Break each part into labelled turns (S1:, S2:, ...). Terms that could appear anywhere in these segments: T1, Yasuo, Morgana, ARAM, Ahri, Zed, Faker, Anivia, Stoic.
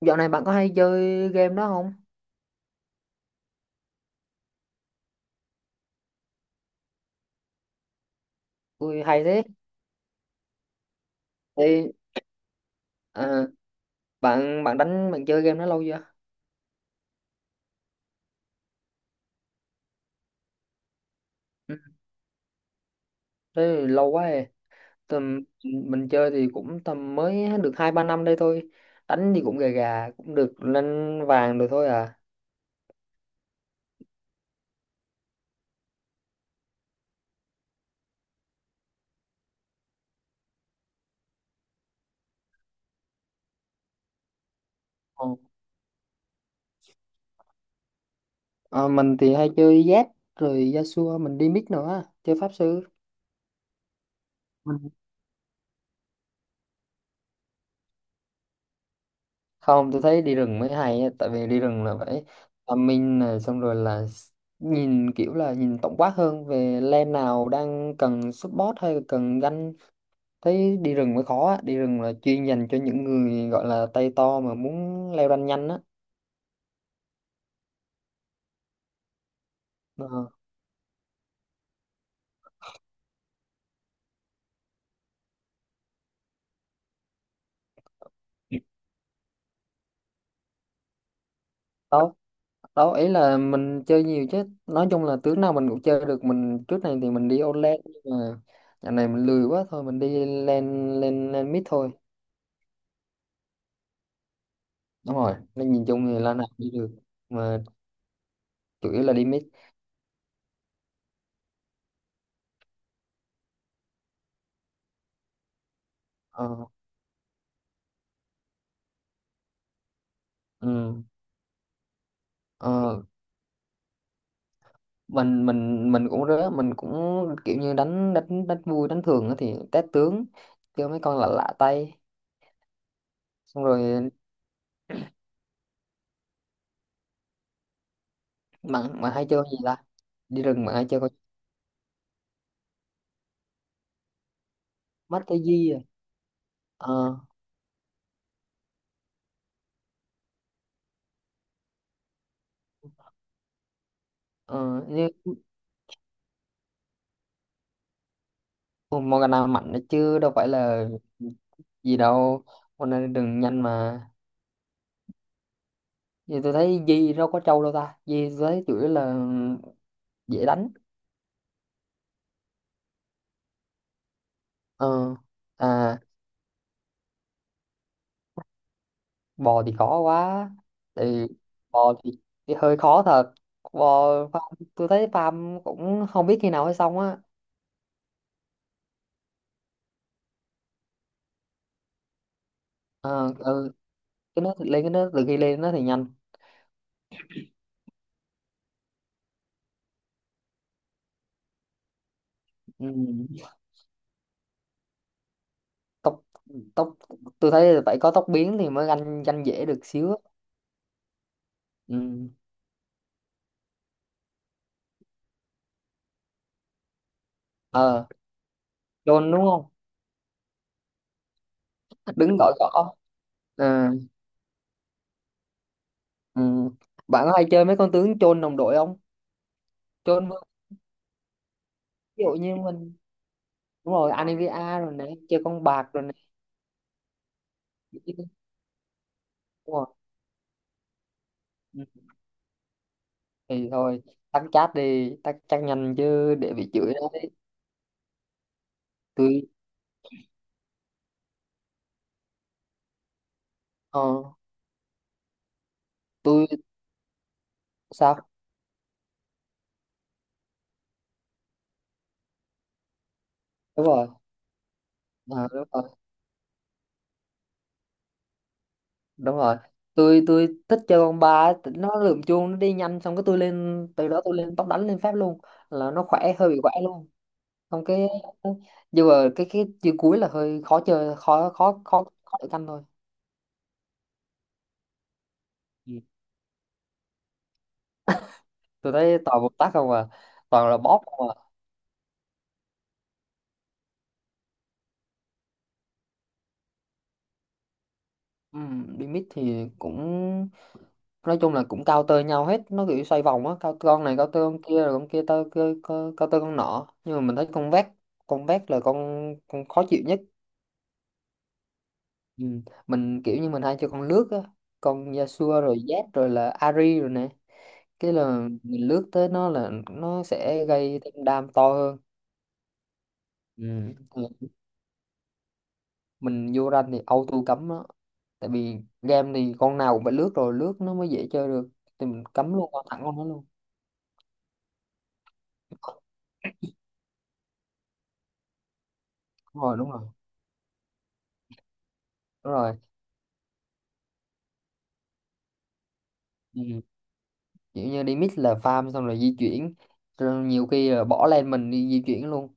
S1: Dạo này bạn có hay chơi game đó không? Ui hay thế. Thì à, bạn bạn đánh, bạn chơi game đó lâu chưa? Ừ, thế thì lâu quá rồi. Tầm mình chơi thì cũng tầm mới được hai ba năm đây thôi. Đánh thì cũng gà gà cũng được lên vàng được thôi à. Ờ, ờ, mình thì hay chơi Z rồi Yasuo, mình đi mid nữa, chơi pháp sư. Không, tôi thấy đi rừng mới hay á, tại vì đi rừng là phải tâm minh này xong rồi là nhìn kiểu là nhìn tổng quát hơn về lem nào đang cần support hay là cần ganh. Thấy đi rừng mới khó á. Đi rừng là chuyên dành cho những người gọi là tay to mà muốn leo ranh nhanh á. Ờ, đó đó ý là mình chơi nhiều, chứ nói chung là tướng nào mình cũng chơi được. Mình trước này thì mình đi all lane, nhưng mà dạo này mình lười quá, thôi mình đi lên lên lên mid thôi. Đúng rồi, nên nhìn chung thì là nào đi được mà chủ yếu là đi mid. ờ, ừ, ờ, mình cũng rớ, mình cũng kiểu như đánh đánh đánh vui, đánh thường á thì test tướng, chơi mấy con lạ lạ tay. Xong rồi bạn bạn hay chơi con gì ta? Đi rừng bạn hay chơi con mắt cái gì à? ờ ờ Như Morgana mạnh đó chứ đâu phải là gì đâu, con này đừng nhanh mà. Như tôi thấy Di đâu có trâu đâu ta, Di tôi thấy chủ yếu là dễ đánh. ờ à Bò thì khó quá. thì Bò thì hơi khó thật. Bò farm, tôi thấy farm cũng không biết khi nào mới xong á. Ờ, ừ, cái nó lên, cái nó từ khi lên nó thì nhanh. Ừ. tốc tốc, tôi thấy là phải có tốc biến thì mới ganh ganh dễ được xíu á. Ừ. Ờ, chôn đúng không? Đứng gọi gõ. Ờ, ừ. Bạn có hay chơi mấy con tướng chôn đồng đội không? Chôn vương, ví dụ như mình. Đúng rồi Anivia, rồi nè, chơi con bạc rồi nè. Đúng rồi. Ừ. Thì thôi tắt chat đi, tắt chat nhanh chứ để bị chửi đấy. Tôi ờ, tôi sao Đúng rồi. Ờ, đúng rồi. Tôi thích chơi con ba ấy, tính nó lượm chuông nó đi nhanh, xong cái tôi lên, từ đó tôi lên tóc đánh lên phép luôn, là nó khỏe, hơi bị khỏe luôn. Xong cái, nhưng mà cái chữ cuối là hơi khó chơi, khó khó khó khó để canh thôi. Ừ. Tôi thấy toàn một tác không à, toàn là bóp không à. Ừ, limit thì cũng nói chung là cũng cao tơ nhau hết, nó kiểu xoay vòng á, cao con này cao tơ con kia, rồi con kia tơ cơ cơ- cao tơ con nọ, nhưng mà mình thấy con vét, con vét là con khó chịu nhất. Ừ. Mình kiểu như mình hay chơi con lướt á, con Yasuo rồi Zed rồi là Ahri rồi nè, cái là mình lướt tới nó là nó sẽ gây thêm đam to hơn. Ừ. Ừ. Mình vô rank thì auto cấm đó, tại vì game thì con nào cũng phải lướt, rồi lướt nó mới dễ chơi được, thì mình cấm luôn con thẳng con nó luôn. Đúng rồi đúng rồi. Ừ. Kiểu như đi mix là farm xong rồi di chuyển, rồi nhiều khi là bỏ lên mình đi di chuyển luôn.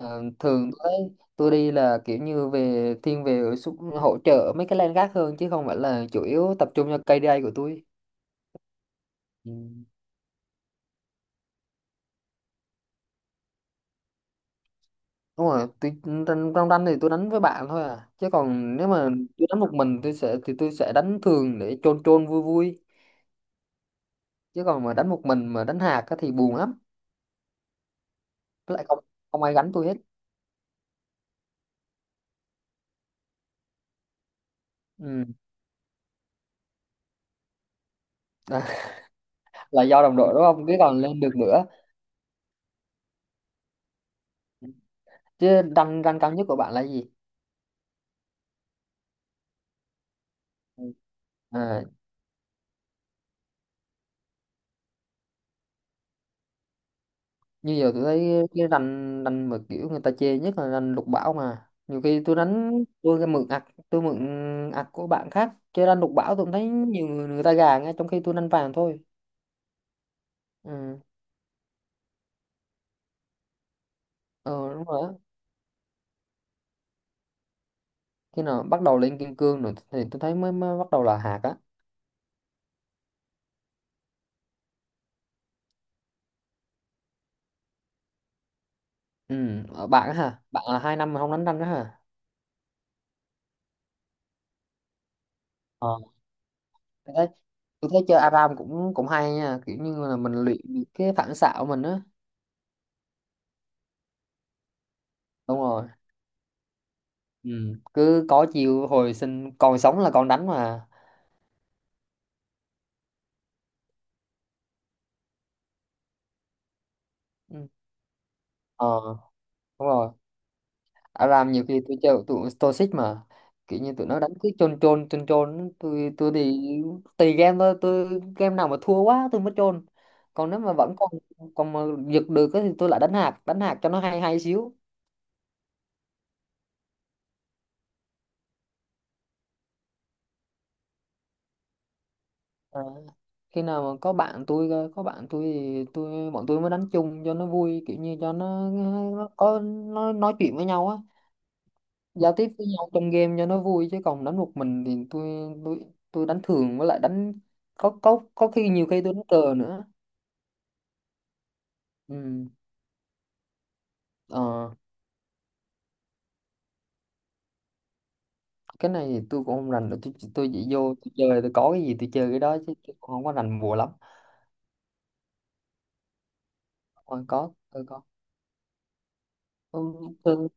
S1: Ờ, thường tôi đi là kiểu như về thiên về xúc, hỗ trợ mấy cái lane khác hơn chứ không phải là chủ yếu tập trung cho KDA của tôi. Ừ. Đúng rồi trong trong rank thì tôi đánh với bạn thôi à, chứ còn nếu mà tôi đánh một mình, tôi sẽ đánh thường để chôn chôn vui vui, chứ còn mà đánh một mình mà đánh hạt á thì buồn lắm. Với lại không, không ai gánh tôi hết. Ừ. Là do đồng đội, đúng không, chứ còn lên được nữa chứ. Rank, rank cao nhất của bạn là gì? Ừ. À, như giờ tôi thấy cái rank rank mà kiểu người ta chê nhất là rank lục bảo, mà nhiều khi tôi đánh, tôi cái mượn ạc, tôi mượn ạc của bạn khác chơi rank lục bảo, tôi cũng thấy nhiều người, người ta gà, ngay trong khi tôi đánh vàng thôi. Ừ. Ờ đúng rồi á. Khi nào bắt đầu lên kim cương rồi thì tôi thấy mới, mới bắt đầu là hạt á. Ừ. Ở bạn á hả, bạn là hai năm mà không đánh rank á hả? Tôi thấy, tôi thấy chơi ARAM cũng cũng hay nha, kiểu như là mình luyện được cái phản xạ của mình á. Đúng rồi. Ừ. Cứ có chiều hồi sinh, còn sống là còn đánh mà. Ừ. Ờ đúng rồi. ARAM nhiều khi tôi chơi tụi Stoic mà, kiểu như tụi nó đánh cứ chôn chôn chôn chôn, tôi thì tùy game thôi, tôi game nào mà thua quá tôi mới chôn, còn nếu mà vẫn còn, còn mà giật được á thì tôi lại đánh hạt, đánh hạt cho nó hay hay xíu. À, khi nào mà có bạn tôi cơ, có bạn tôi thì bọn tôi mới đánh chung cho nó vui, kiểu như cho nó có nó nói chuyện với nhau á, giao tiếp với nhau trong game cho nó vui. Chứ còn đánh một mình thì tôi đánh thường, với lại đánh có khi nhiều khi tôi đánh cờ nữa. Ừ. Ờ, cái này thì tôi cũng không rành được tôi chỉ vô tôi chơi, tôi có cái gì tôi chơi cái đó chứ tôi cũng không có rành bùa lắm. Ờ, có tôi có. ừ, tôi-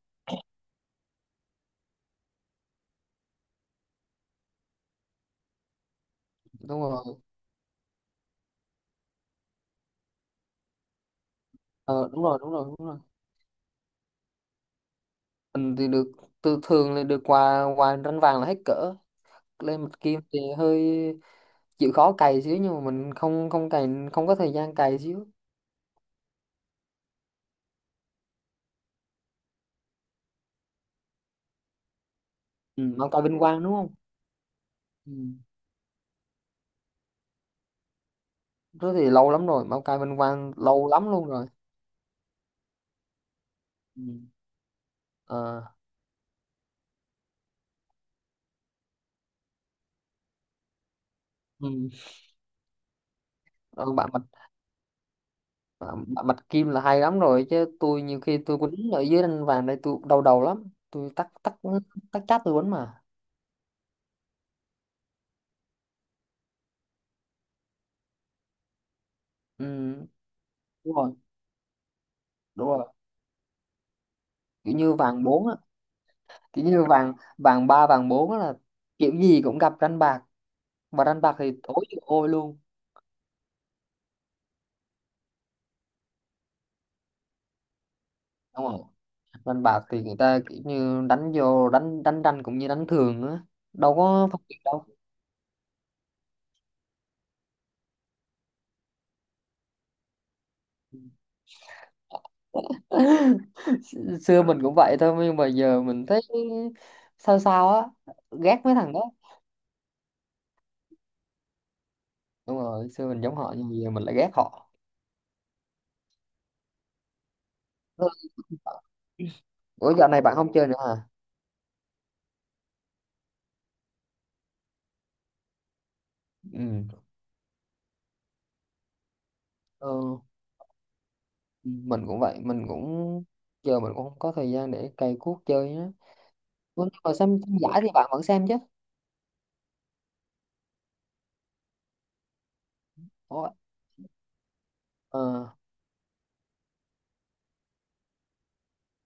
S1: Đúng rồi. Ờ, đúng rồi. Mình thì được, từ thường là được quà, quà ranh vàng là hết cỡ. Lên mặt kim thì hơi chịu khó cày xíu, nhưng mà mình không, không cày, không có thời gian cày xíu. Ừ, Mau cày vinh quang đúng không? Ừ. Thế thì lâu lắm rồi, Mau cày vinh quang lâu lắm luôn rồi. Ừ. Ờ, ừ. Ờ, bạn mặt kim là hay lắm rồi, chứ tôi nhiều khi tôi quýnh ở dưới ranh vàng đây tôi đau đầu lắm. Tôi tắt tắt tắt chat tôi quýnh mà. Ừ. đúng rồi đúng rồi. Kiểu như vàng bốn, kiểu như vàng vàng ba vàng bốn là kiểu gì cũng gặp đánh bạc, và đánh bạc thì tối như ôi luôn. Đúng không? Đánh bạc thì người ta kiểu như đánh vô, đánh đánh tranh cũng như đánh thường á, đâu có phân biệt đâu. S- xưa mình cũng vậy thôi, nhưng mà giờ mình thấy sao sao á, ghét mấy thằng đó. Đúng rồi, xưa mình giống họ nhưng mà giờ mình lại ghét họ. Ủa dạo này bạn không chơi nữa hả? Ừ. Ờ, mình cũng vậy, mình cũng giờ mình cũng không có thời gian để cày cuốc chơi á. Ủa, nhưng mà xem giải thì bạn vẫn xem chứ? Ủa, ờ,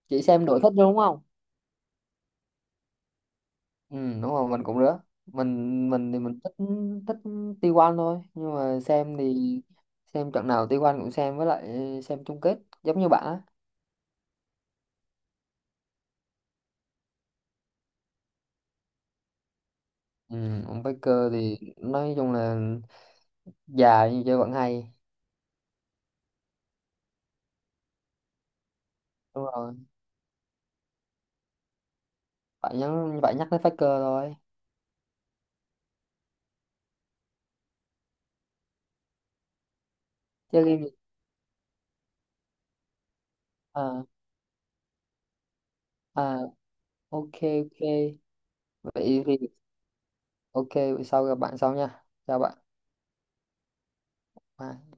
S1: chị xem đội thích đúng không? Ừ, đúng rồi mình cũng rứa. Mình thích, thích T1 thôi, nhưng mà xem thì xem trận nào T1 cũng xem, với lại xem chung kết giống như bạn á. Ừ, ông Baker thì nói chung là già nhưng chơi vẫn hay. Đúng rồi, phải nhắc, phải nhắc đến Faker thôi. Chơi game gì? À, à, ok, ok. Vậy thì ok, vậy sau gặp bạn sau nha, chào bạn. Bye.